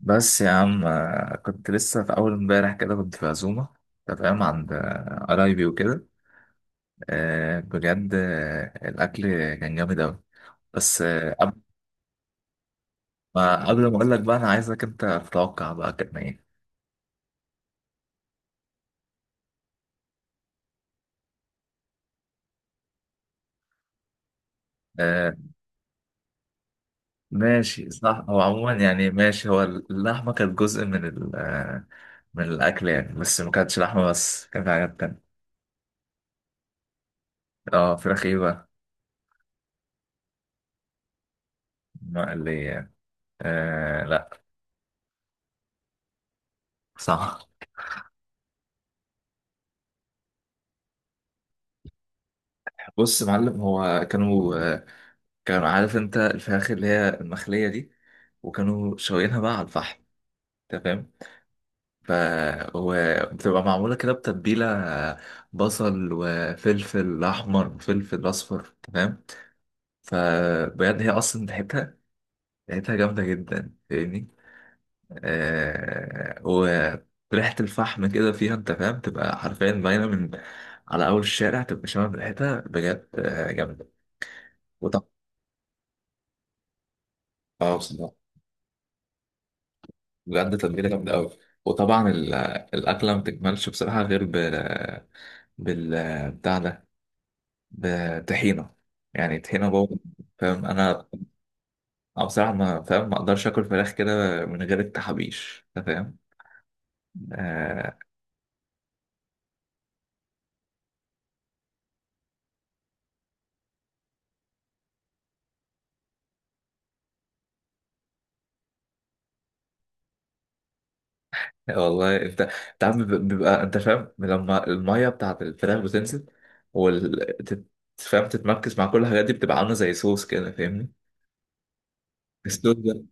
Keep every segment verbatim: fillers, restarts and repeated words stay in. بس يا عم آه، كنت لسه في أول امبارح كده كنت في عزومة. أنت فاهم عند آه، قرايبي وكده. آه، بجد، آه، الأكل كان جامد أوي. بس آه، قبل ما قبل ما أقول لك بقى، أنا عايزك أنت تتوقع بقى كان إيه. آه، ماشي صح، هو عموما يعني ماشي، هو اللحمة كانت جزء من ال آه، من الأكل يعني، بس ما كانتش لحمة بس، كان في حاجات تانية. اه فراخ ايه بقى. مقلية. آه لا. صح. بص يا معلم، هو كانوا كانوا عارف انت الفراخ اللي هي المخلية دي، وكانوا شوينها بقى على الفحم، تمام. ف وبتبقى معمولة كده بتتبيلة، بصل وفلفل أحمر وفلفل أصفر، تمام. فبجد هي أصلا ريحتها، ريحتها جامدة جدا فاهمني. آه... وريحة الفحم كده فيها أنت فاهم، تبقى حرفيا باينة من على أول الشارع، تبقى شامم ريحتها بجد، آه، جامدة. وطب، اه بصراحة بجد تتبيلة جامدة أوي. وطبعا ال- الأكلة ما بتكملش بصراحة غير ب... بال بتاع ده، بطحينة، يعني طحينة بابا. فاهم أنا. أنا بصراحة ما فاهم، ما أقدرش آكل فراخ كده من غير التحابيش أنت فاهم. آه. والله أنت أنت عم بيب- بيبقى أنت فاهم، لما المية بتاعت الفراخ بتنزل وال تت- فاهم تتمركز مع كل الحاجات دي، بتبقى عاملة زي صوص كده فاهمني. الصوص ده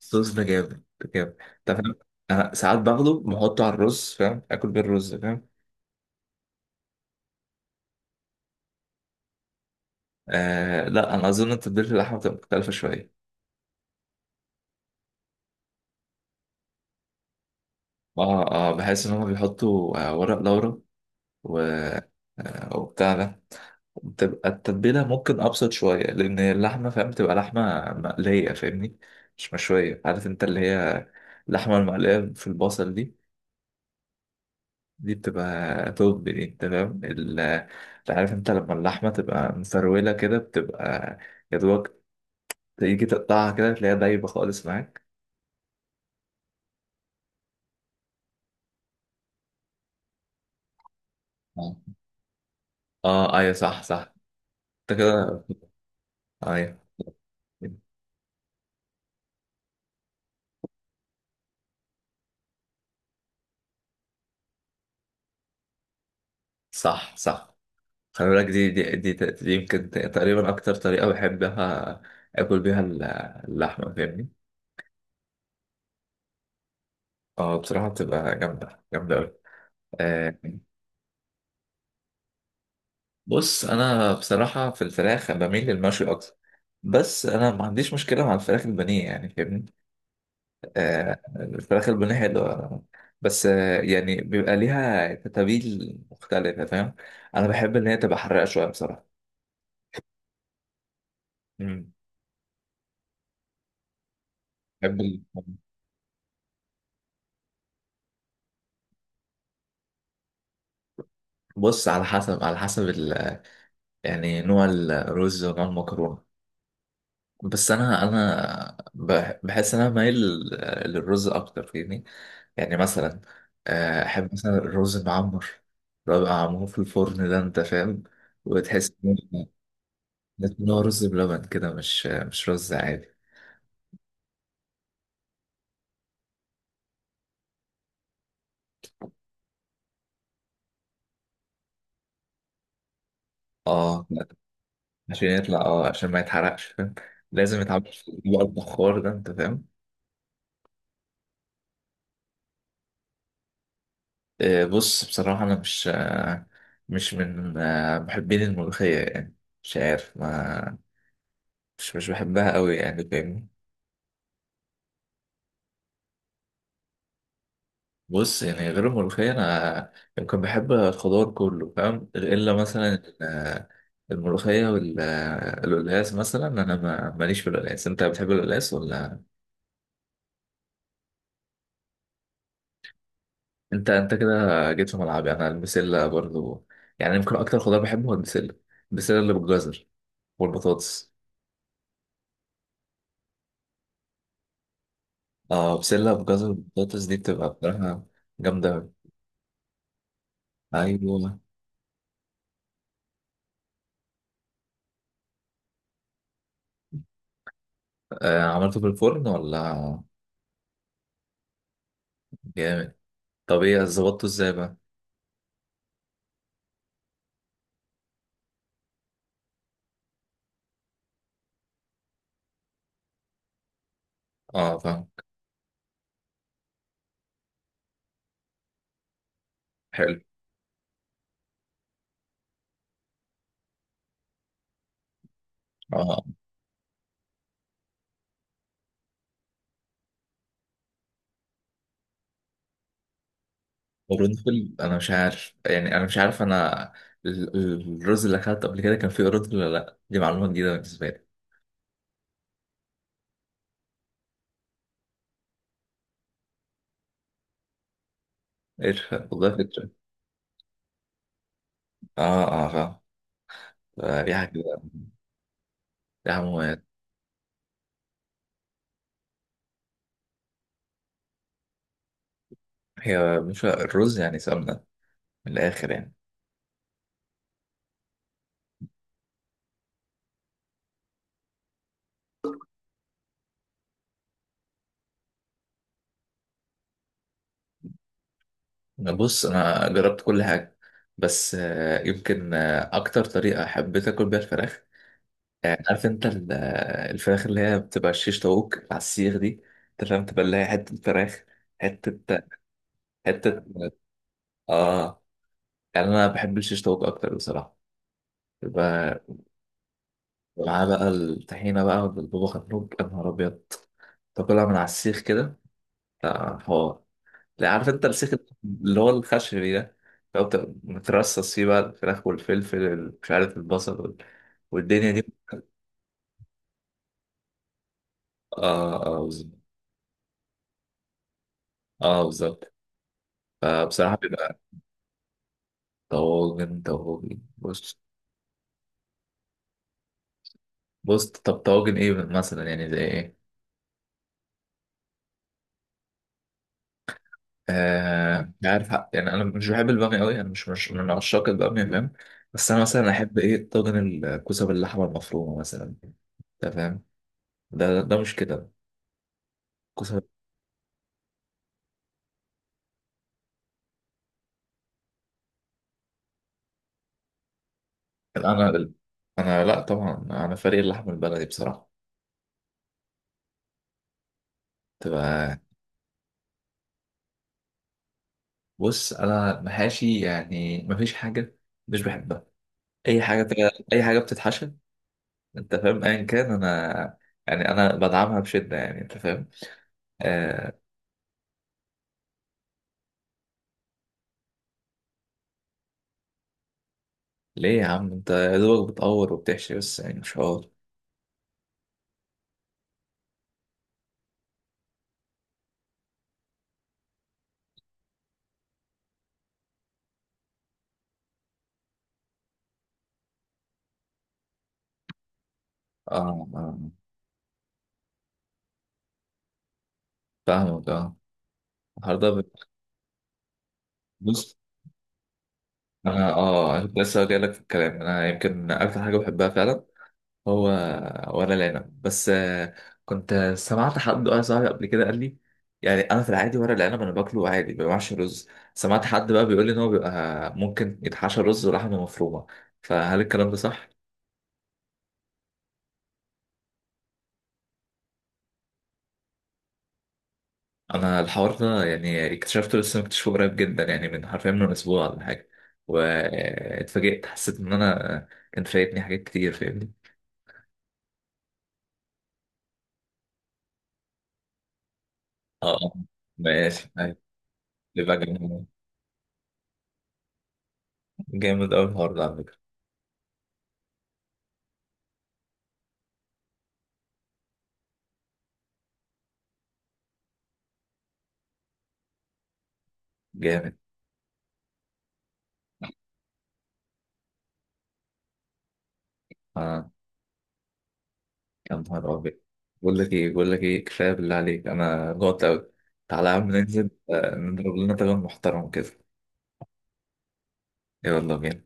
الصوص ده جامد، ده جامد. انت فاهم. انا ساعات باخده بحطه على الرز، فاهم، اكل بيه الرز فاهم. آه لا، انا اظن ان تتبيله اللحمه بتبقى مختلفه شويه. اه اه، بحس ان هم بيحطوا آه ورق لورا و آه وبتاع ده، بتبقى التتبيله ممكن ابسط شويه، لان اللحمه فاهم بتبقى لحمه مقليه فاهمني، مش مشويه، عارف انت اللي هي اللحمه المقليه في البصل دي دي بتبقى توب، دي تمام. ال- انت عارف انت لما اللحمة تبقى مفرولة كده بتبقى يا دوبك تيجي تقطعها كده تلاقيها دايبة خالص معاك. آه. اه ايوه صح صح. انت كده. ايوه. صح صح. خلي بالك دي دي, دي, دي دي يمكن تقريبا اكتر طريقة بحبها اكل بيها اللحمة فاهمني. اه بصراحة بتبقى جامدة جامدة اوي. آه، بص انا بصراحه في الفراخ بميل للمشوي اكتر، بس انا ما عنديش مشكله مع الفراخ البانيه يعني فاهمني. آه، الفراخ البانيه حلوه. بس آه يعني بيبقى ليها تتابيل مختلفه فاهم، انا بحب ان هي تبقى حراقه شويه بصراحه. امم. بحب ال- بص، على حسب، على حسب ال... يعني نوع الرز ونوع المكرونه. بس انا انا بح- بحس ان انا مايل لل- للرز اكتر فاهمني. يعني مثلا آه، احب مثلا الرز المعمر، اللي هو بيبقى معمول في الفرن ده انت فاهم، وتحس ان هو إن هو رز بلبن كده، مش مش رز عادي. اه لا، عشان يطلع اه عشان ما يتحرقش فاهم، لازم يتعمل في بقى البخار ده انت فاهم. آه، بص بصراحة انا مش، آه، مش من آه، محبين الملوخية يعني، مش عارف ما مش مش بحبها قوي يعني فاهمني. بص، يعني غير الملوخية، أنا يمكن بحب الخضار كله فاهم، إلا مثلا ال- الملوخية والقلقاس مثلا، أنا ما- ماليش في القلقاس. أنت بتحب القلقاس ولا. أنت أنت كده جيت في ملعبي، أنا البسلة برضو. يعني يمكن أكتر خضار بحبه هو البسلة، البسلة اللي بالجزر والبطاطس. أه بسلة بجزر، والبطاطس دي بتبقى بصراحة جامدة أوي. أيوه. آه عملته في الفرن ولا. جامد. طب إيه ظبطته إزاي بقى؟ أه فاهم. حلو. اه. قرنفل انا مش عارف يعني، انا مش عارف انا، ال- ال- الرز اللي اخدته قبل كده كان فيه قرنفل ولا لا، دي معلومه جديده بالنسبه لي. قرش والله فكره. اه اه فاهم. آه، ريحه كده، ريحه مميزه. هي مش الرز يعني سمنه، من الاخر يعني. أنا بص، انا جربت كل حاجه، بس آه، يمكن آه، اكتر طريقه حبيت اكل بيها الفراخ، آه، عارف انت ال- آه، الفراخ اللي هي بتبقى الشيش طاووق على السيخ دي، انت فاهم، تبقى اللي هي حته فراخ، حته، حته. اه، يعني انا بحب الشيش طاووق اكتر بصراحه، يبقى معاه بقى الطحينه بقى بالبابا غنوج يا نهار ابيض، تاكلها من على السيخ كده، آه، حوار. لا عارف انت السيخ اللي هو الخشبي ده، لو بت- مترصص فيه بقى الفراخ والفلفل، مش عارف البصل وال- والدنيا دي. اه اه بالظبط. اه بالظبط. فبصراحه بيبقى. طواجن طواجن، بص. بص طب طواجن ايه، مثلا يعني زي ايه. آه عارف حق، يعني انا مش بحب الباميه قوي، انا مش مش من عشاق الباميه فاهم. بس انا مثلا احب ايه، طاجن الكوسه باللحمه المفرومه مثلا. انت فاهم، ده ده, ده مش كده الكوسه. انا انا لا طبعا انا فريق اللحمه البلدي بصراحه. تبقى. بص انا المحاشي يعني مفيش حاجه، مش بحبها، اي حاجه بت- اي حاجه بتتحشى انت فاهم ايا كان، انا يعني انا بدعمها بشده يعني انت فاهم. آه. ليه يا عم انت يا دوبك بتقور وبتحشي بس يعني، مش حوار. اه اه فاهمك اه. النهارده بت- بص، انا اه كنت لسه جاي لك في الكلام، انا يمكن اكتر حاجه بحبها فعلا هو ورق العنب. بس آه، كنت سمعت حد واحد صاحبي قبل كده قال لي، يعني انا في العادي ورق العنب انا باكله عادي، ما بعملش رز، سمعت حد بقى بيقول لي ان هو بيبقى ممكن يتحشى رز ولحمه مفرومه، فهل الكلام ده صح؟ انا الحوار ده يعني اكتشفته لسه، مكتشفه قريب جدا يعني، من حرفيا من اسبوع ولا حاجه، واتفاجئت، حسيت ان انا كان فايتني حاجات كتير فاهمني. اه آه. ماشي أيوة. يبقى جامد، جامد قوي الحوار ده على فكره. جامد. اه يا نهار ابيض. بقول لك ايه، بقول لك ايه، كفايه بالله عليك انا جوعت قوي. تعالى يا عم ننزل آه، نضرب لنا طبق محترم كده. يلا بينا.